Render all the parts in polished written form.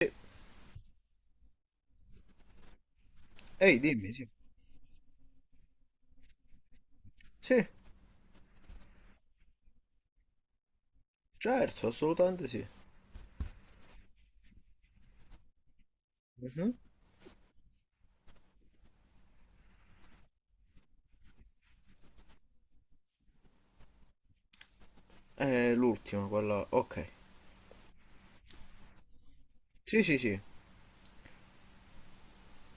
Sì. Ehi, dimmi, sì. Sì, certo, assolutamente sì. Mhm. È l'ultima, quella. Ok. Sì, sì, sì.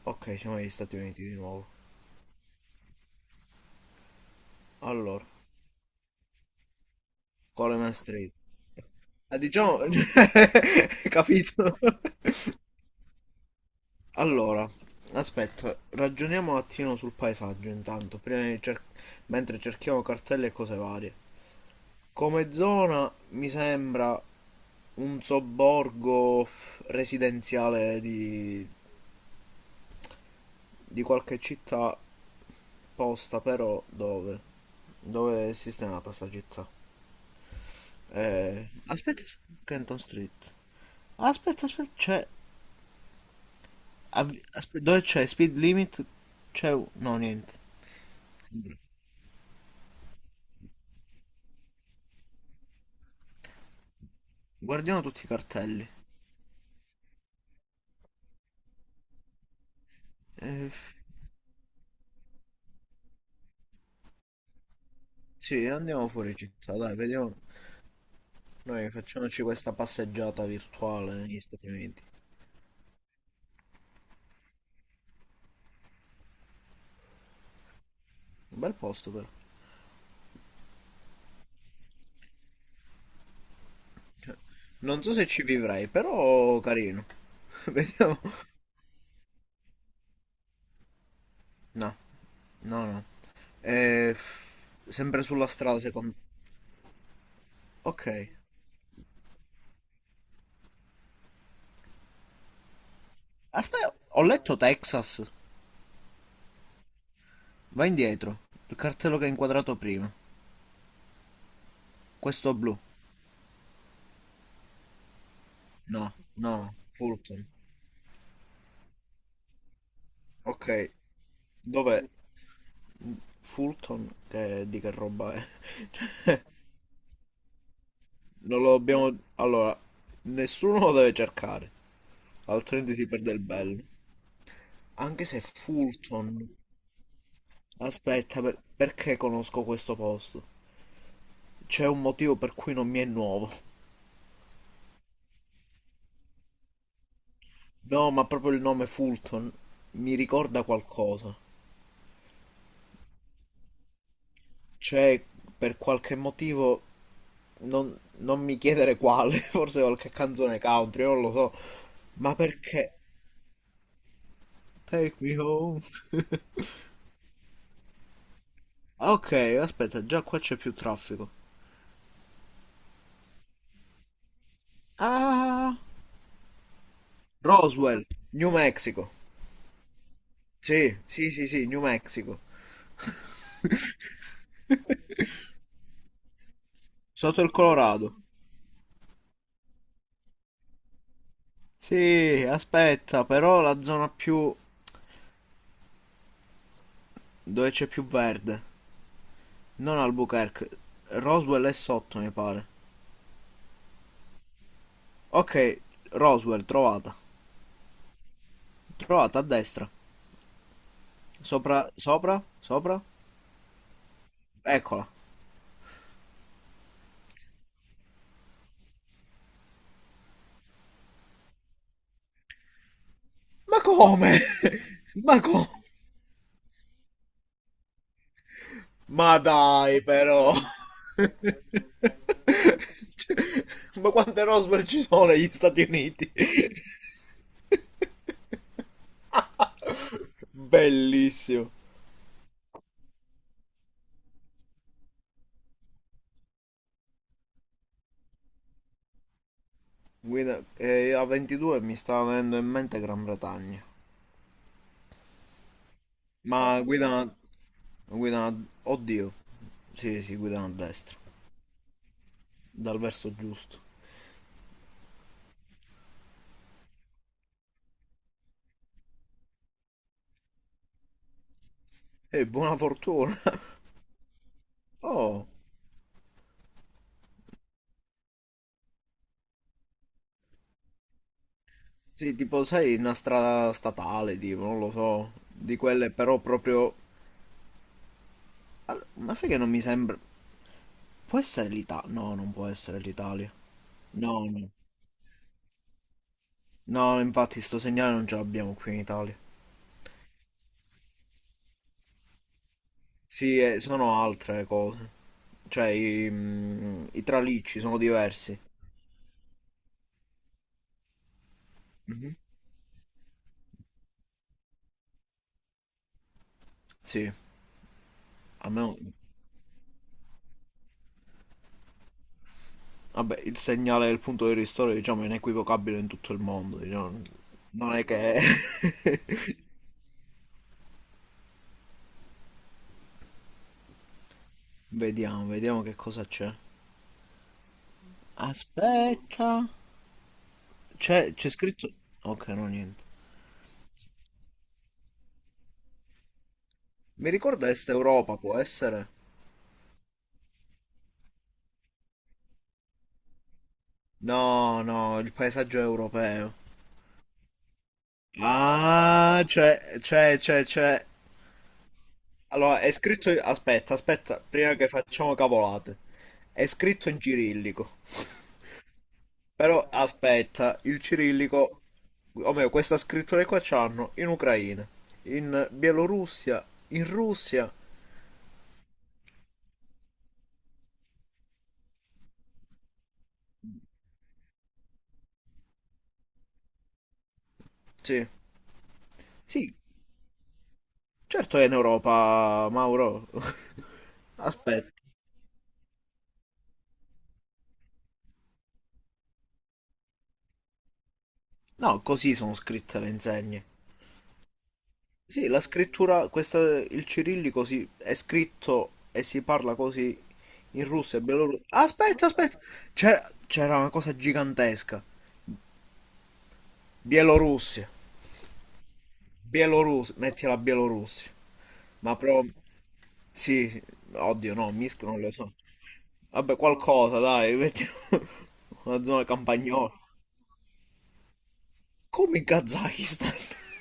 Ok, siamo negli Stati Uniti di nuovo. Allora, Coleman Street. Ah, diciamo. Capito? Allora, aspetta, ragioniamo un attimo sul paesaggio intanto, mentre cerchiamo cartelle e cose varie. Come zona mi sembra un sobborgo residenziale di qualche città posta però dove? Dove è sistemata sta città? Aspetta, Canton Street. Aspetta, aspetta, c'è. Dove c'è Speed Limit? C'è, no, niente. Guardiamo tutti i cartelli. Eh, sì, andiamo fuori città, dai, vediamo. Noi facciamoci questa passeggiata virtuale negli Stati Uniti. Un bel posto però. Non so se ci vivrei, però carino. Vediamo. No, no, no. Eh, sempre sulla strada secondo. Ok, aspetta, ho letto Texas. Va indietro. Il cartello che hai inquadrato prima. Questo blu. No, no, Fulton. Ok, dov'è? Fulton, che, di che roba è? Non lo dobbiamo. Allora, nessuno lo deve cercare, altrimenti si perde il bello. Anche se Fulton. Aspetta, perché conosco questo posto? C'è un motivo per cui non mi è nuovo. No, ma proprio il nome Fulton mi ricorda qualcosa. C'è, per qualche motivo, non mi chiedere quale, forse qualche canzone country, non lo so, ma perché? Take me home. Ah, ok, aspetta, già qua c'è più traffico. Ah, Roswell, New Mexico. Sì, sì, sì, sì, New Mexico. Sotto il Colorado. Sì, aspetta, però la zona più dove c'è più verde, non Albuquerque. Roswell è sotto, mi pare. Ok, Roswell, trovata. Trovata a destra. Sopra, sopra, sopra. Eccola. Ma come? Ma come? Ma dai, però. Cioè, ma quante Roswell ci sono negli Stati Uniti? Bellissimo. Guida, a 22 mi sta venendo in mente Gran Bretagna. Ma guida, guida, oddio. Sì, sì, guida a destra. Dal verso giusto. E buona fortuna. Oh. Sì, tipo, sai, una strada statale, tipo, non lo so, di quelle però proprio. Ma sai che non mi sembra. Può essere l'Italia? No, non può essere l'Italia. No, no. No, infatti sto segnale non ce l'abbiamo qui in Italia. Sì, sono altre cose. Cioè, i tralicci sono diversi. Mhm. Sì, almeno. Vabbè, il segnale del punto di ristoro, diciamo, è inequivocabile in tutto il mondo, diciamo. Non è che. Vediamo, vediamo che cosa c'è. Aspetta. C'è scritto. Ok, no, niente. Mi ricorda Est Europa, può essere? No, no, il paesaggio europeo. Ah, c'è, c'è, c'è, c'è. Allora, è scritto. Aspetta, aspetta, prima che facciamo cavolate. È scritto in cirillico. Però, aspetta, il cirillico. O meglio, questa scrittura qua c'hanno in Ucraina, in Bielorussia, in Russia. Sì. Sì, certo è in Europa, Mauro. Aspetta, no, così sono scritte le insegne. Sì, la scrittura, questa, il cirillico si, è scritto e si parla così in Russia e Bielorussia. Aspetta, aspetta, c'era una cosa gigantesca. Bielorussia, Bielorussia, metti la Bielorussia. Ma proprio, sì, sì. Oddio no, Minsk non lo so. Vabbè, qualcosa, dai, metti una zona campagnola. Come in Kazakistan?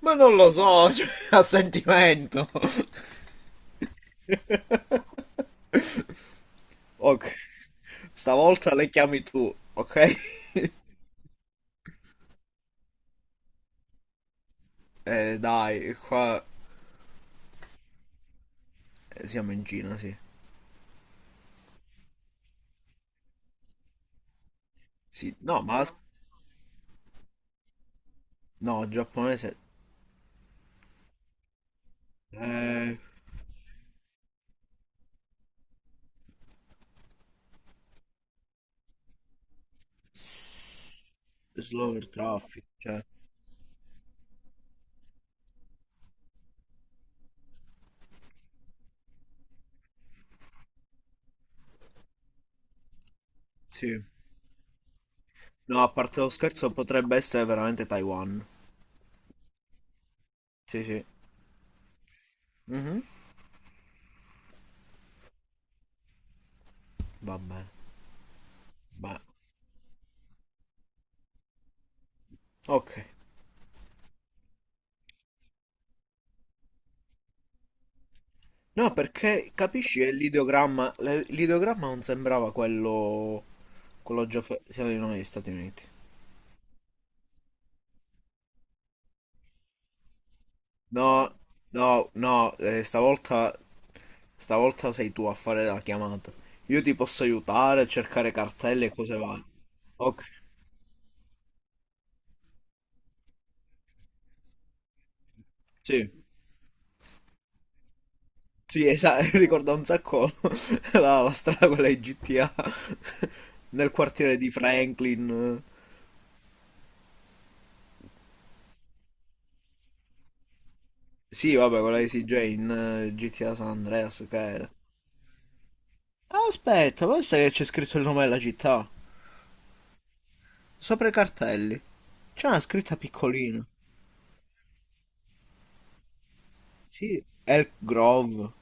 Ma non lo so, cioè, a sentimento. Ok. Stavolta le chiami tu, ok? Dai, qua siamo in Cina, sì. Sì, no, ma. No, giapponese. Eh, slower traffic, cioè. Sì. No, a parte lo scherzo, potrebbe essere veramente Taiwan. Sì, sì. Mhm. Va bene. Va- Ok. No, perché, capisci, è l'ideogramma. L'ideogramma non sembrava quello. Quello giapponese. Siamo negli Stati Uniti. No, no, no, stavolta, stavolta sei tu a fare la chiamata. Io ti posso aiutare a cercare cartelle e cose varie. Ok, sì, sì, esatto, ricorda un sacco la strada quella di GTA nel quartiere di Franklin. Sì, vabbè, quella di CJ in GTA San Andreas, che era. Ah, aspetta, pensa che c'è scritto il nome della città. Sopra i cartelli. C'è una scritta piccolina. Sì, Elk Grove.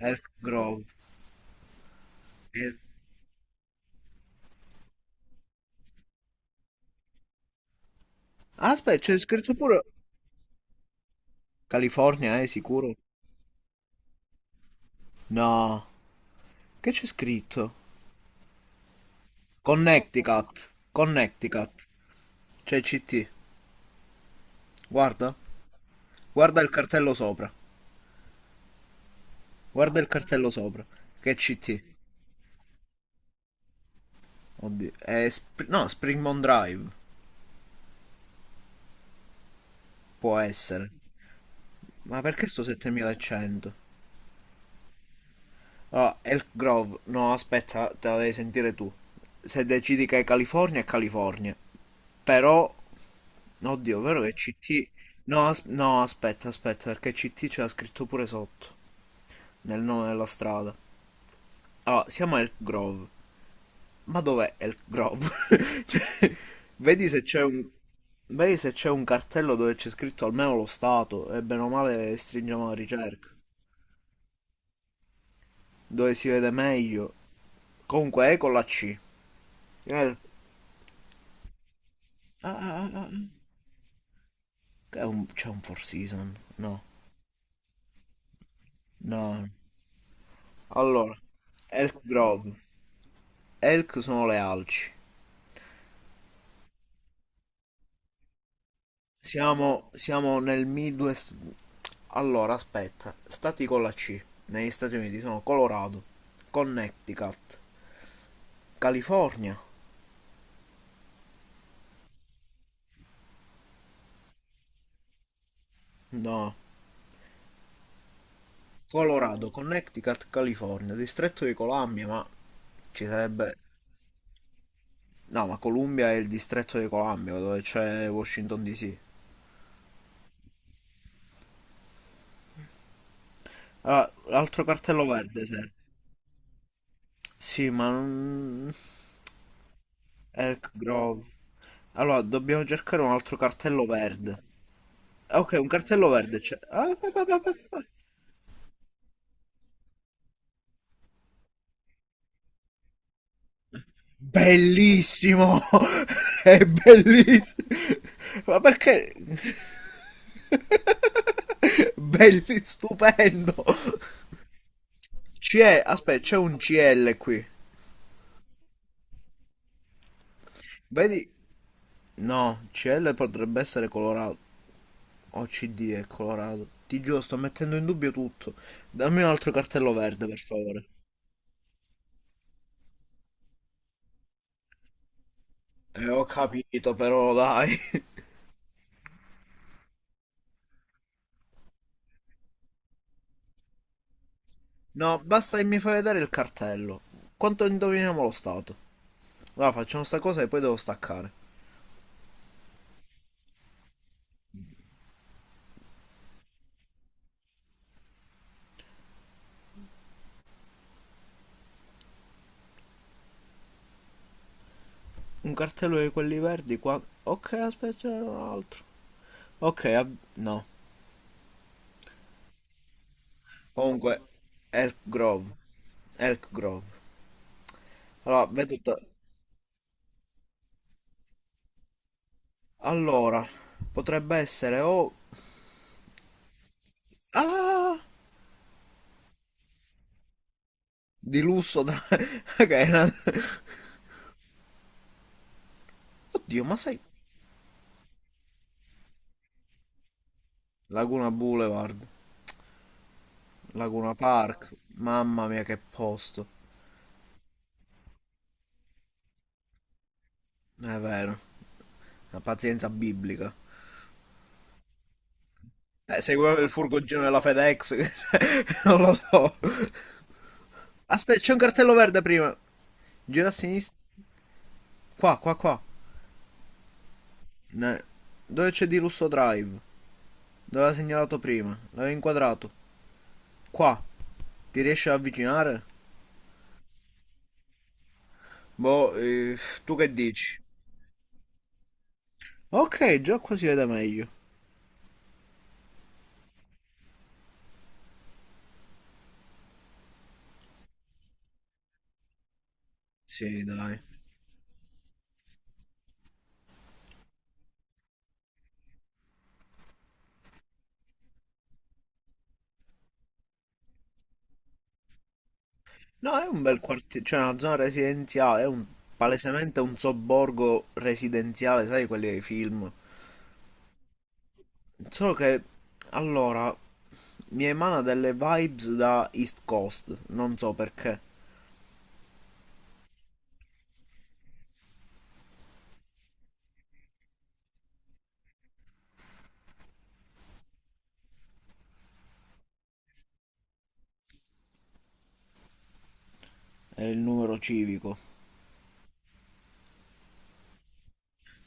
Elk Grove. Eh, Aspetta, c'è scritto pure California, sicuro? No, che c'è scritto? Connecticut, Connecticut, c'è CT. Guarda, guarda il cartello sopra, guarda il cartello sopra, che CT. Oddio, è no, Springmont Drive, può essere. Ma perché sto 7100? Ah, Elk Grove, no, aspetta, te la devi sentire tu. Se decidi che è California, è California. Però oddio, vero che CT. No, no, aspetta, aspetta, perché CT c'era scritto pure sotto, nel nome della strada. Allora, siamo a Elk Grove. Ma dov'è Elk Grove? Cioè, vedi se c'è un. Vedi se c'è un cartello dove c'è scritto almeno lo stato, e bene o male stringiamo la ricerca. Dove si vede meglio. Comunque è con la C. El- Ah, ah, ah, ah. Ah. È un. C'è un Four Season? No. No. Allora, Elk Grove. Elk sono le alci. Siamo nel Midwest. Allora, aspetta, stati con la C negli Stati Uniti sono Colorado, Connecticut, California. No, Colorado, Connecticut, California, distretto di Columbia, ma ci sarebbe. No, ma Columbia è il distretto di Columbia, dove c'è Washington DC. Allora, l'altro cartello verde serve. Sì, ma non. Elk Grove. Allora, dobbiamo cercare un altro cartello verde. Ah, ok, un cartello verde c'è. Ah, va, va, va, va, va. Bellissimo! È bellissimo! Ma perché? Belli, stupendo! C'è, aspetta, c'è un CL qui. Vedi? No, CL potrebbe essere colorato. O CD è colorato. Ti giuro, sto mettendo in dubbio tutto. Dammi un altro cartello verde, per favore. Ho capito, però dai. No, basta che mi fai vedere il cartello. Quanto indoviniamo lo stato? Allora facciamo sta cosa e poi devo staccare. Un cartello di quelli verdi qua. Ok, aspetta, c'era un altro. Ok, no. Comunque, Elk Grove. Elk Grove. Allora, vedo. Allora, potrebbe essere o. Ah! Di lusso. Tra. Ok, una. Oddio, ma sai. Laguna Boulevard. Laguna Park. Mamma mia, che posto. È vero. La pazienza biblica. Seguiamo il furgoncino della FedEx. Non lo so. Aspetta, c'è un cartello verde prima. Gira a sinistra. Qua, qua, qua. Ne- Dove c'è di Russo Drive? Dove l'ha segnalato prima? L'aveva inquadrato. Qua. Ti riesci ad avvicinare? Boh, tu che dici? Ok, già qua si vede meglio. Sì, dai. No, è un bel quartiere, cioè una zona residenziale, è un, palesemente un sobborgo residenziale, sai, quelli dei film. Solo che, allora, mi emana delle vibes da East Coast, non so perché. È il numero civico.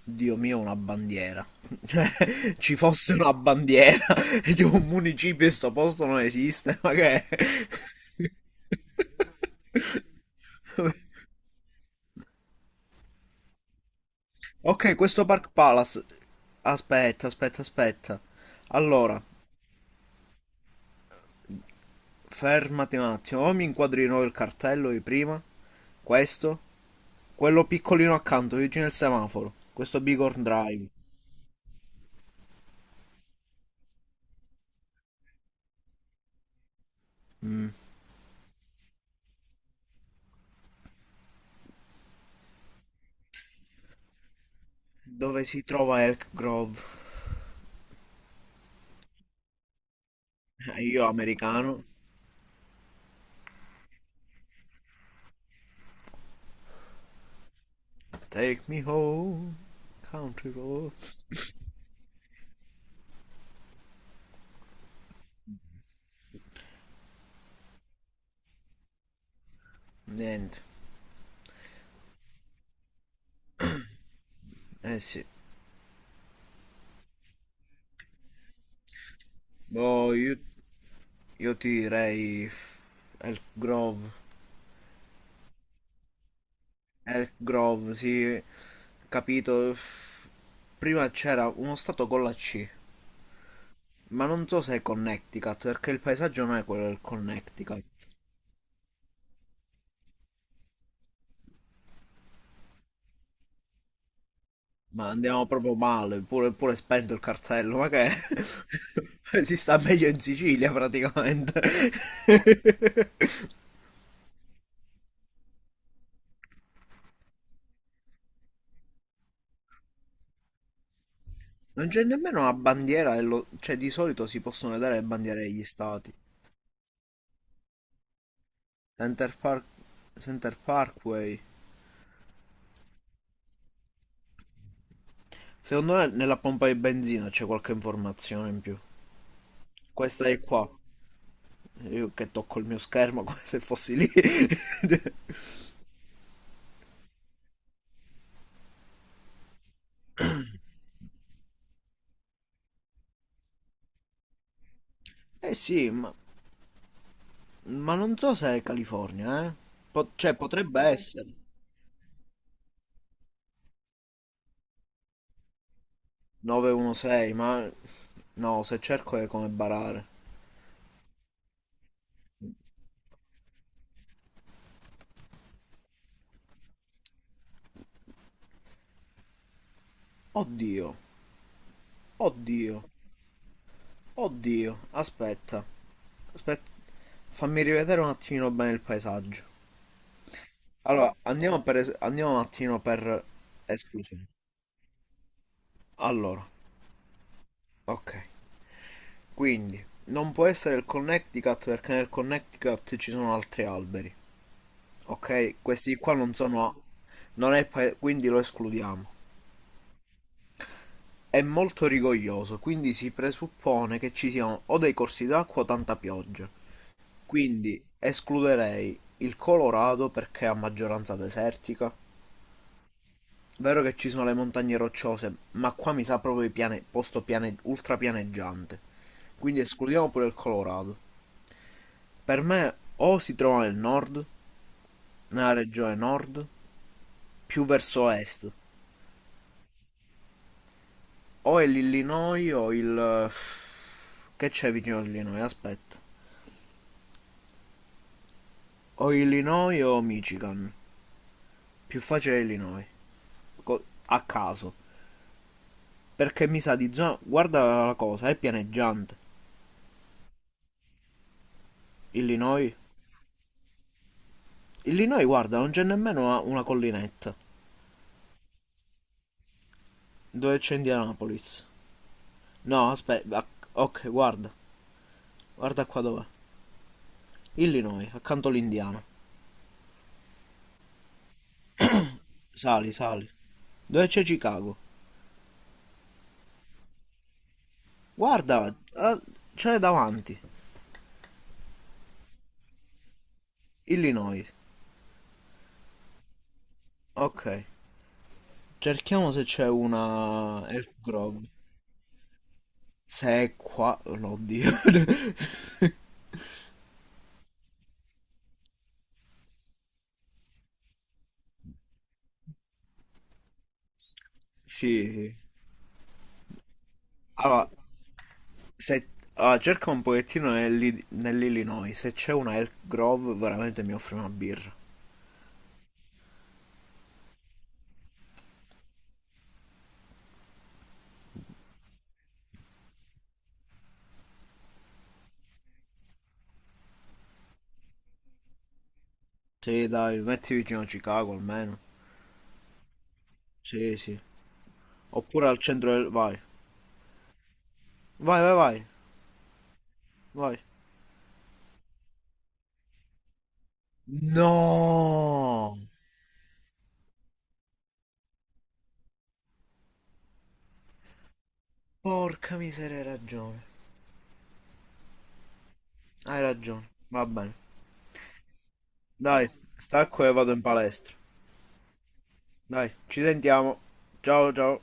Dio mio, una bandiera. Cioè, ci fosse una bandiera di un municipio in sto posto non esiste, ma che è? Ok, questo Park Palace. Aspetta, aspetta, aspetta. Allora, fermati un attimo. O mi inquadri di nuovo il cartello di prima. Questo. Quello piccolino accanto, vicino al semaforo. Questo Bighorn Drive. Dove si trova Elk Grove? Io americano. Take me home, country road. Niente. Eh sì. Boh, io ti direi Elk Grove. Elk Grove, sì. Capito. Prima c'era uno stato con la C. Ma non so se è Connecticut, perché il paesaggio non è quello del Connecticut. Ma andiamo proprio male, pure, pure spento il cartello, ma che è? Si sta meglio in Sicilia praticamente. Non c'è nemmeno una bandiera, cioè di solito si possono vedere le bandiere degli stati. Center Park, Center Parkway. Secondo me nella pompa di benzina c'è qualche informazione in più. Questa è qua. Io che tocco il mio schermo come se fossi lì. Eh sì, ma non so se è California, eh? Cioè potrebbe essere. 916, ma no, se cerco è come barare. Oddio, oddio, oddio, aspetta, aspetta, fammi rivedere un attimino bene il paesaggio. Allora, andiamo, andiamo un attimo per esclusione. Allora, ok, quindi non può essere il Connecticut perché nel Connecticut ci sono altri alberi, ok? Questi qua non sono, non è quindi lo escludiamo. È molto rigoglioso, quindi si presuppone che ci siano o dei corsi d'acqua o tanta pioggia. Quindi escluderei il Colorado perché è a maggioranza desertica. Vero che ci sono le montagne rocciose, ma qua mi sa proprio il piane, posto piane, ultrapianeggiante. Quindi escludiamo pure il Colorado. Per me o si trova nel nord, nella regione nord, più verso est. O è l'Illinois o il. Che c'è vicino all'Illinois? Aspetta. O Illinois o Michigan. Più facile è Illinois. A caso. Perché mi sa di zona. Guarda la cosa, è pianeggiante. Illinois. Illinois, guarda, non c'è nemmeno una collinetta. Dove c'è Indianapolis? No, aspetta. Ok, guarda. Guarda qua dov'è. Illinois, accanto all'Indiana. Sali, sali. Dove c'è Chicago? Guarda, ah, c'è davanti. Illinois. Ok. Cerchiamo se c'è una Elk Grove. Se è qua, oh, no, oddio. Sì, sì. Allora, se. Allora, cerca un pochettino nell'Illinois. Se c'è una Elk Grove, veramente mi offre una birra. Sì, dai, metti vicino a Chicago almeno. Sì, sì. Oppure al centro del. Vai. Vai, vai, vai. Vai. No! Porca miseria, hai ragione. Hai ragione. Va bene. Dai, stacco e vado in palestra. Dai, ci sentiamo. Ciao, ciao.